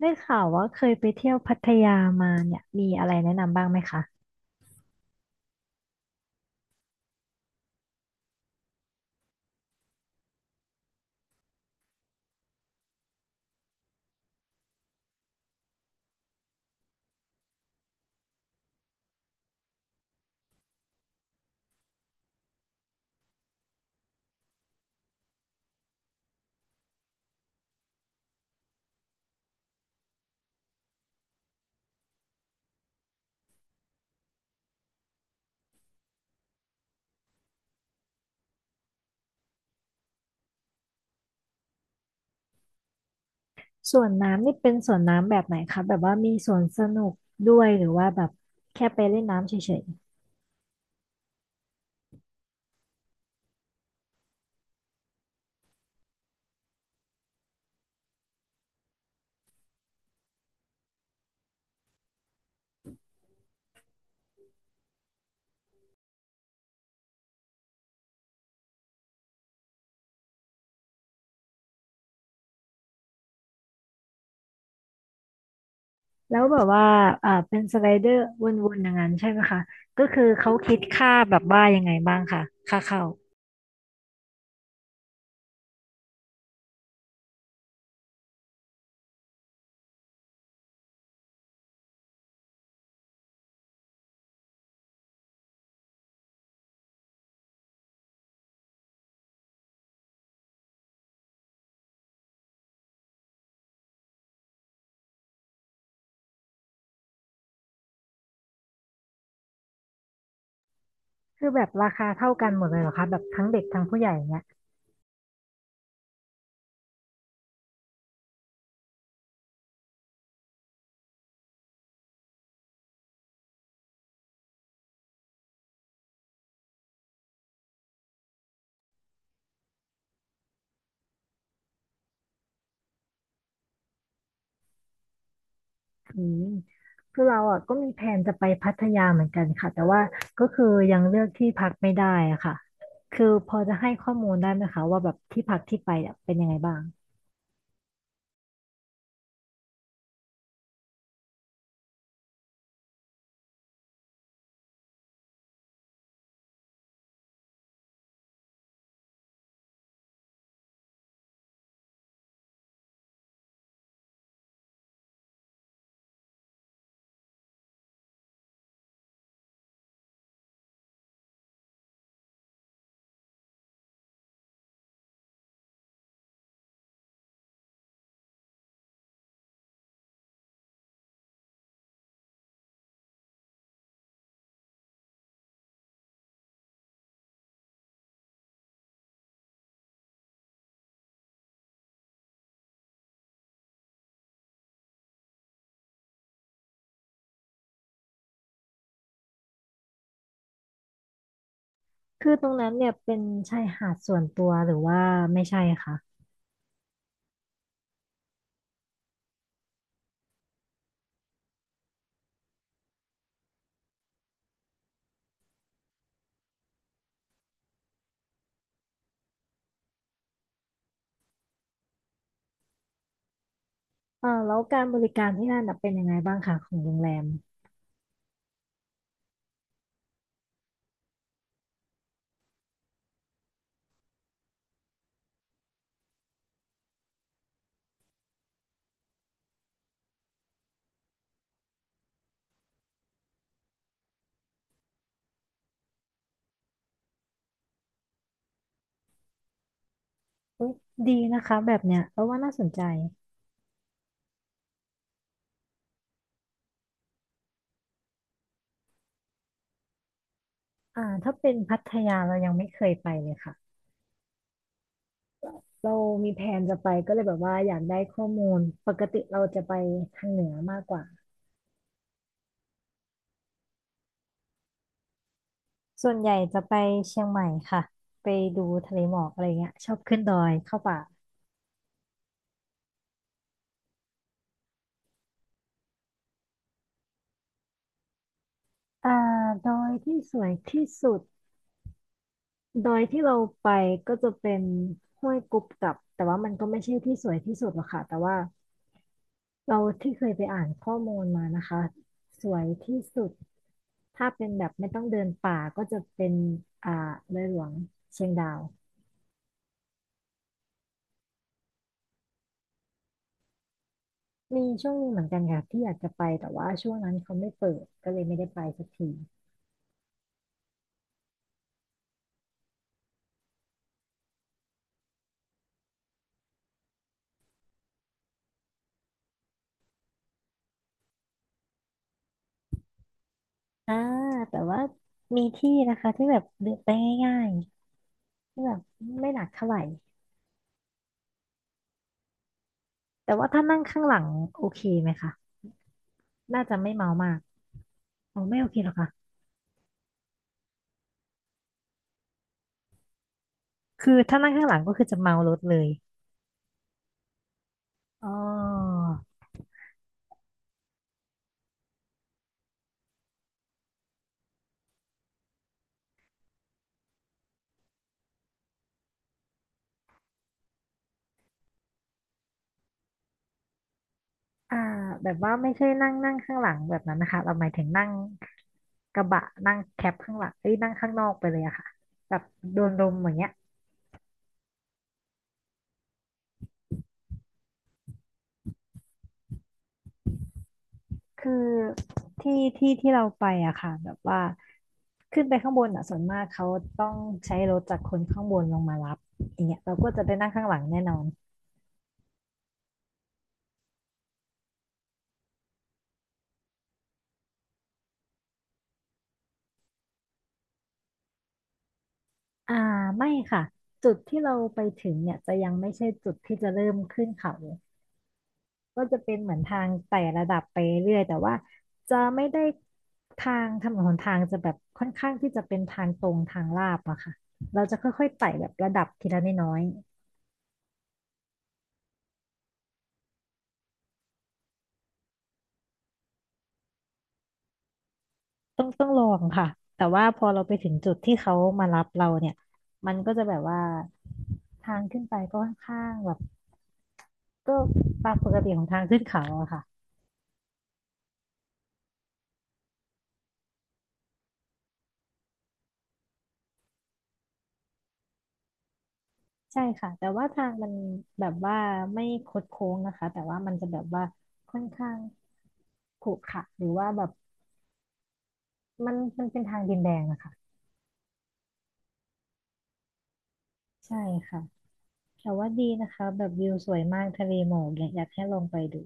ได้ข่าวว่าเคยไปเที่ยวพัทยามาเนี่ยมีอะไรแนะนำบ้างไหมคะสวนน้ำนี่เป็นสวนน้ำแบบไหนคะแบบว่ามีสวนสนุกด้วยหรือว่าแบบแค่ไปเล่นน้ำเฉยๆแล้วแบบว่าเป็นสไลเดอร์วนๆอย่างนั้นใช่ไหมคะก็คือเขาคิดค่าแบบว่ายังไงบ้างคะค่าเข้าคือแบบราคาเท่ากันหมดเลยเหรอคะแบบทั้งเด็กทั้งผู้ใหญ่เนี่ย อืมคือเราอ่ะก็มีแผนจะไปพัทยาเหมือนกันค่ะแต่ว่าก็คือยังเลือกที่พักไม่ได้อะค่ะคือพอจะให้ข้อมูลได้ไหมคะว่าแบบที่พักที่ไปเนี่ยเป็นยังไงบ้างคือตรงนั้นเนี่ยเป็นชายหาดส่วนตัวหรือว่าไม่ใช่คะแล้วการบริการที่นั่นน่ะเป็นยังไงบ้างคะของโรงแรมอุ๊ยดีนะคะแบบเนี้ยเราว่าน่าสนใจถ้าเป็นพัทยาเรายังไม่เคยไปเลยค่ะเรามีแผนจะไปก็เลยแบบว่าอยากได้ข้อมูลปกติเราจะไปทางเหนือมากกว่า ส่วนใหญ่จะไปเชียงใหม่ค่ะไปดูทะเลหมอกอะไรเงี้ยชอบขึ้นดอยเข้าป่าอ่าดอยที่สวยที่สุดดอยที่เราไปก็จะเป็นห้วยกุบกับแต่ว่ามันก็ไม่ใช่ที่สวยที่สุดหรอกค่ะแต่ว่าเราที่เคยไปอ่านข้อมูลมานะคะสวยที่สุดถ้าเป็นแบบไม่ต้องเดินป่าก็จะเป็นอ่าเลยหลวงเชียงดาวมีช่วงหนึงเหมือนกันค่ะที่อยากจะไปแต่ว่าช่วงนั้นเขาไม่เปิดก็เลยไม่ได้ไปสักที อ่าแต่ว่ามีที่นะคะที่แบบเดินไปง่ายๆที่แบบไม่หนักเท่าไหร่แต่ว่าถ้านั่งข้างหลังโอเคไหมคะน่าจะไม่เมามากอ๋อไม่โอเคหรอกค่ะคือถ้านั่งข้างหลังก็คือจะเมารถเลยอ๋ออ่าแบบว่าไม่ใช่นั่งนั่งข้างหลังแบบนั้นนะคะเราหมายถึงนั่งกระบะนั่งแคปข้างหลังเอ้ยนั่งข้างนอกไปเลยอะค่ะแบบโดนลมอย่างเงี้ย คือที่เราไปอะค่ะแบบว่าขึ้นไปข้างบนอะส่วนมากเขาต้องใช้รถจากคนข้างบนลงมารับอย่างเงี้ยเราก็จะไปนั่งข้างหลังแน่นอนอ่าไม่ค่ะจุดที่เราไปถึงเนี่ยจะยังไม่ใช่จุดที่จะเริ่มขึ้นเขาก็จะเป็นเหมือนทางไต่ระดับไปเรื่อยแต่ว่าจะไม่ได้ทางถนนหนทางจะแบบค่อนข้างที่จะเป็นทางตรงทางลาดอะค่ะเราจะค่อยๆไต่แบบระดับทีละน้อย ต้องลองค่ะแต่ว่าพอเราไปถึงจุดที่เขามารับเราเนี่ยมันก็จะแบบว่าทางขึ้นไปก็ค่อนข้างแบบก็ตามปกติของทางขึ้นเขาอะค่ะใช่ค่ะแต่ว่าทางมันแบบว่าไม่คดโค้งนะคะแต่ว่ามันจะแบบว่าค่อนข้างขรุขระหรือว่าแบบมันเป็นทางดินแดงอะค่ะใช่ค่ะแต่ว่าดีนะคะแบบวิวสวยมากทะเลหมอกเนี่ยอยากให้ลองไปดู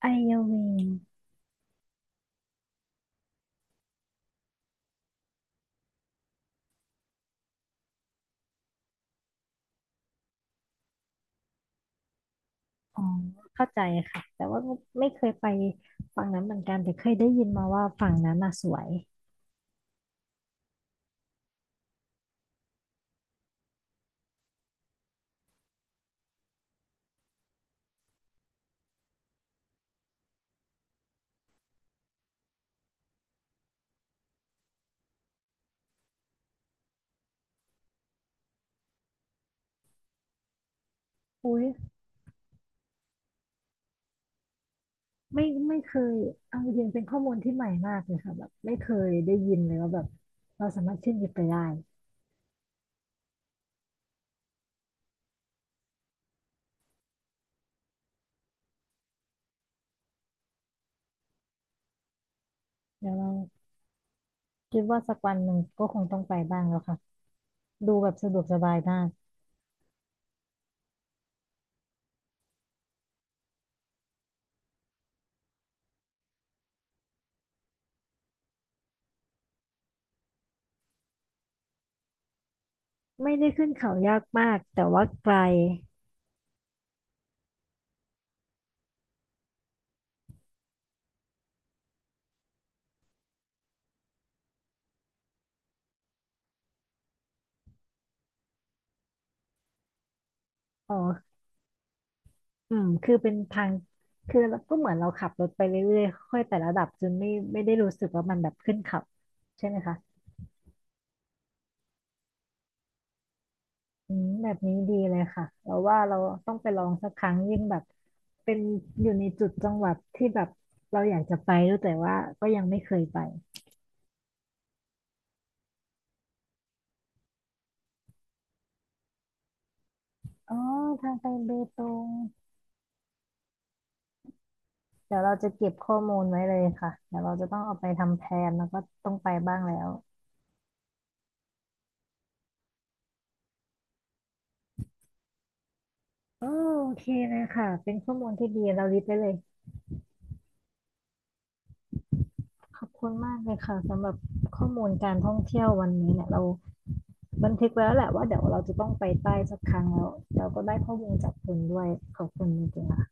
ไอเยาวิง อ๋อเข้าใจค่ะแต่ว่าไม่เคยไปฝั่งนั้นเหมือนกันแต่เคยได้ยินมาว่าฝั่งนั้นน่ะสวยอุ้ยไม่เคยเอาจริงๆเป็นข้อมูลที่ใหม่มากเลยค่ะแบบไม่เคยได้ยินเลยว่าแบบเราสามารถขึ้นยิปไปได้เดี๋ยวเราคิดว่าสักวันหนึ่งก็คงต้องไปบ้างแล้วค่ะดูแบบสะดวกสบายมากไม่ได้ขึ้นเขายากมากแต่ว่าไกลอ๋ออืมคือเป็นทางคือเราก็เหมือนเราขับรถไปเรื่อยๆค่อยแต่ระดับจนไม่ได้รู้สึกว่ามันแบบขึ้นเขาใช่ไหมคะ อืมแบบนี้ดีเลยค่ะเราว่าเราต้องไปลองสักครั้งยิ่งแบบเป็นอยู่ในจุดจังหวัดที่แบบเราอยากจะไปด้วยแต่ว่าก็ยังไม่เคยไปอ๋อทางไปเบตงเดี๋ยวเราจะเก็บข้อมูลไว้เลยค่ะเดี๋ยวเราจะต้องเอาไปทำแพลนแล้วก็ต้องไปบ้างแล้วโอโอเคเลยค่ะเป็นข้อมูลที่ดีเราลิสต์ไว้เลยขอบคุณมากเลยค่ะสำหรับข้อมูลการท่องเที่ยววันนี้เนี่ยเรา บันทึกไว้แล้วแหละว่าเดี๋ยวเราจะต้องไปใต้สักครั้งแล้วเราก็ได้ข้อมูลจากคุณด้วยขอบคุณจริงๆค่ะ